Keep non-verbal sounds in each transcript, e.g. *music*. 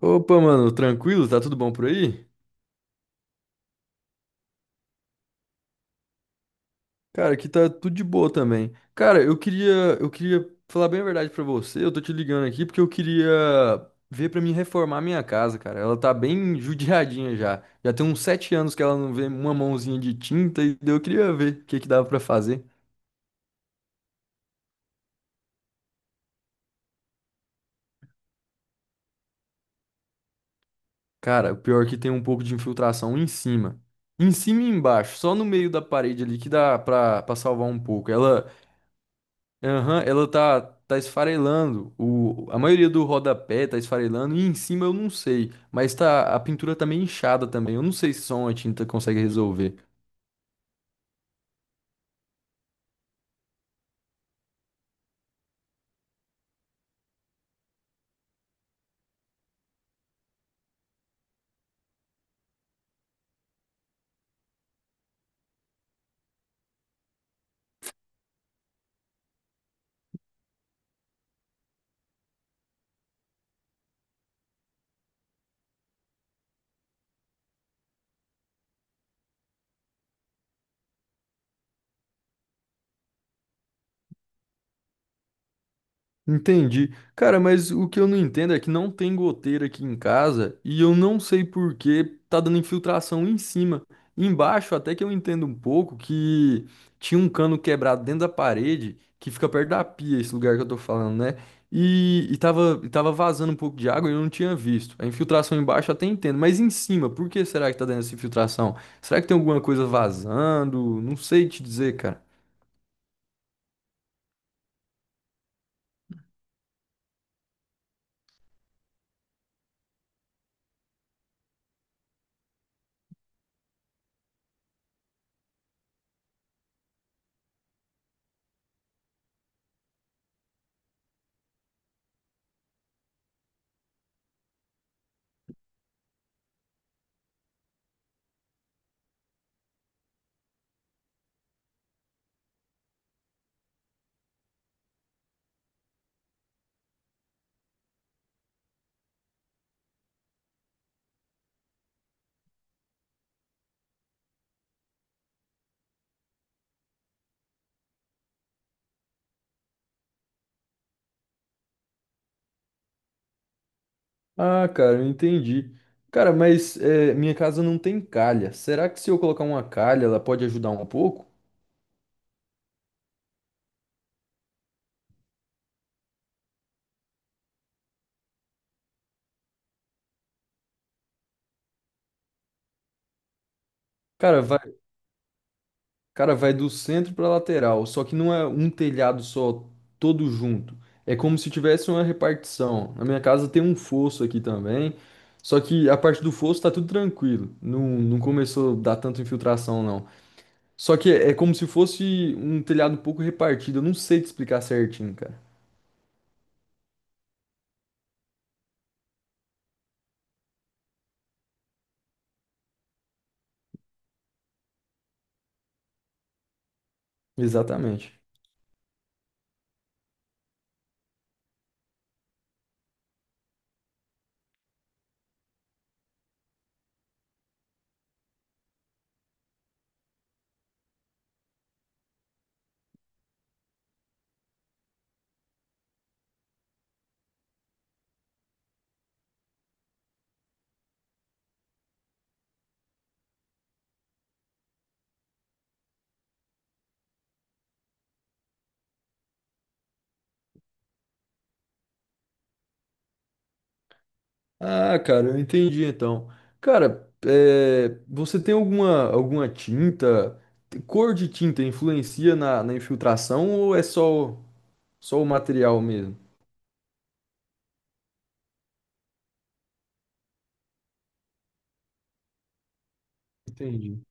Opa, mano, tranquilo? Tá tudo bom por aí? Cara, aqui tá tudo de boa também. Cara, eu queria falar bem a verdade pra você. Eu tô te ligando aqui porque eu queria ver pra mim reformar a minha casa, cara. Ela tá bem *laughs* judiadinha já. Já tem uns 7 anos que ela não vê uma mãozinha de tinta e daí eu queria ver o que que dava pra fazer. Cara, o pior é que tem um pouco de infiltração em cima. Em cima e embaixo, só no meio da parede ali que dá pra salvar um pouco. Ela Aham, ela tá esfarelando. A maioria do rodapé tá esfarelando e em cima eu não sei. Mas tá, a pintura tá meio inchada também. Eu não sei se só uma tinta consegue resolver. Entendi. Cara, mas o que eu não entendo é que não tem goteira aqui em casa e eu não sei por que tá dando infiltração em cima. Embaixo, até que eu entendo um pouco que tinha um cano quebrado dentro da parede que fica perto da pia, esse lugar que eu tô falando, né? E tava vazando um pouco de água e eu não tinha visto. A infiltração embaixo eu até entendo, mas em cima, por que será que tá dando essa infiltração? Será que tem alguma coisa vazando? Não sei te dizer, cara. Ah, cara, eu entendi. Cara, mas é, minha casa não tem calha. Será que se eu colocar uma calha, ela pode ajudar um pouco? Cara, vai, cara, vai do centro pra lateral, só que não é um telhado só, todo junto. É como se tivesse uma repartição. Na minha casa tem um fosso aqui também, só que a parte do fosso tá tudo tranquilo. Não, não começou a dar tanta infiltração, não. Só que é como se fosse um telhado um pouco repartido. Eu não sei te explicar certinho, cara. Exatamente. Ah, cara, eu entendi então. Cara, é, você tem alguma tinta? Cor de tinta influencia na infiltração ou é só o material mesmo? Entendi.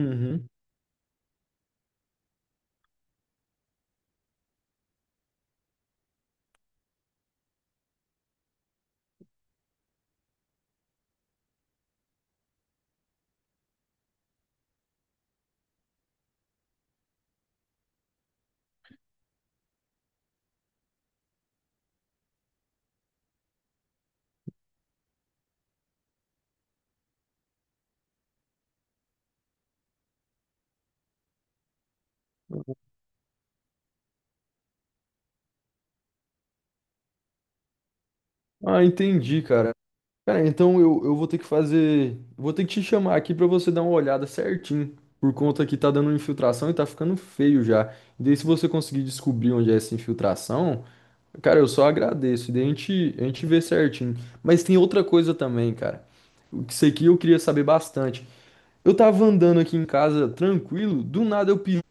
Uhum. Ah, entendi, cara. Cara, então eu vou ter que fazer. Vou ter que te chamar aqui pra você dar uma olhada certinho. Por conta que tá dando infiltração e tá ficando feio já. E daí, se você conseguir descobrir onde é essa infiltração. Cara, eu só agradeço. Daí a gente vê certinho. Mas tem outra coisa também, cara. Isso aqui eu queria saber bastante. Eu tava andando aqui em casa tranquilo, do nada eu pisei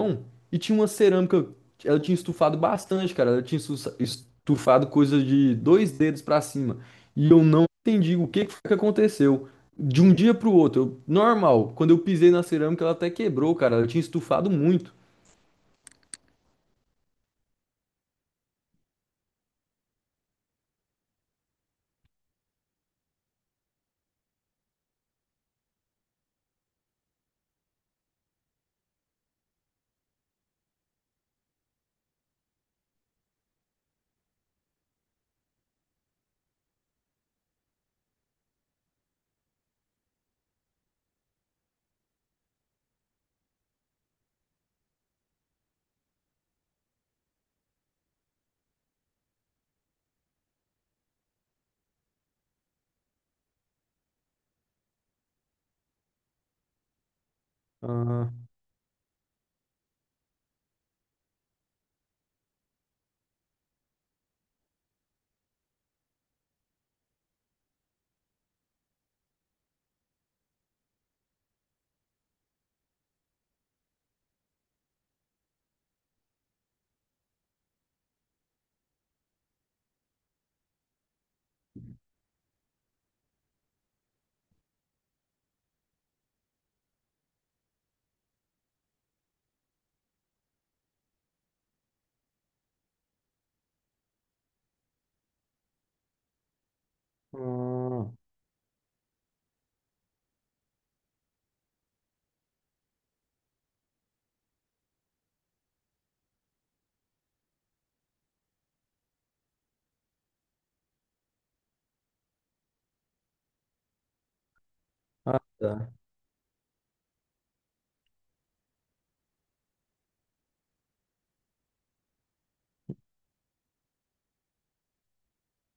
no chão e tinha uma cerâmica. Ela tinha estufado bastante, cara. Ela tinha estufado coisa de dois dedos pra cima. E eu não entendi o que que foi que aconteceu. De um dia pro outro, normal. Quando eu pisei na cerâmica, ela até quebrou, cara. Ela tinha estufado muito. Ah, ah, ah, tá.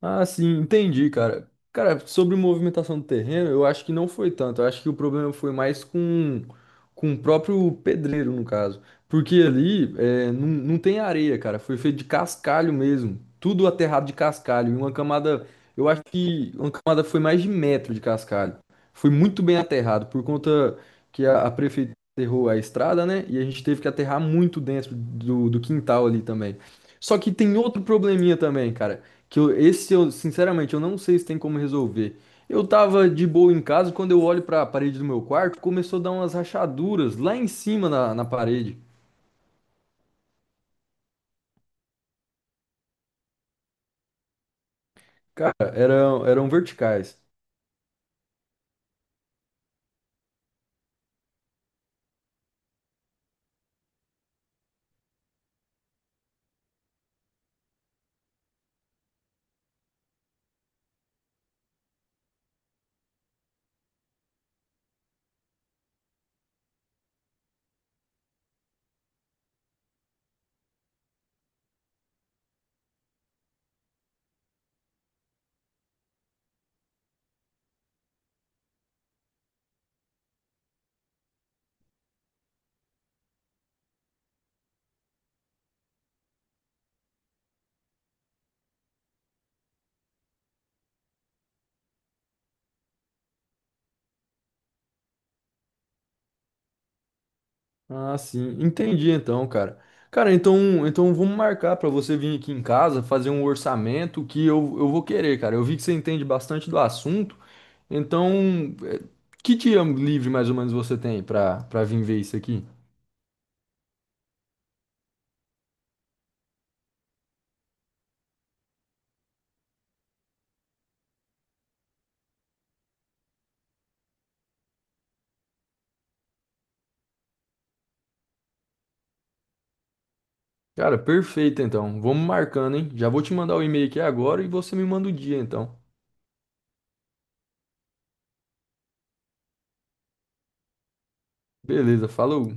Ah, sim, entendi, cara. Cara, sobre movimentação do terreno, eu acho que não foi tanto. Eu acho que o problema foi mais com o próprio pedreiro, no caso. Porque ali não, não tem areia, cara. Foi feito de cascalho mesmo. Tudo aterrado de cascalho. E uma camada, eu acho que uma camada foi mais de metro de cascalho. Foi muito bem aterrado, por conta que a prefeitura aterrou a estrada, né? E a gente teve que aterrar muito dentro do quintal ali também. Só que tem outro probleminha também, cara. Esse eu, sinceramente, eu não sei se tem como resolver. Eu tava de boa em casa, quando eu olho pra parede do meu quarto, começou a dar umas rachaduras lá em cima na parede. Cara, eram verticais. Ah, sim, entendi então, cara. Cara, então vamos marcar pra você vir aqui em casa, fazer um orçamento que eu vou querer, cara. Eu vi que você entende bastante do assunto, então, que dia livre mais ou menos você tem pra vir ver isso aqui? Cara, perfeito então. Vamos marcando, hein? Já vou te mandar o e-mail aqui agora e você me manda o dia então. Beleza, falou.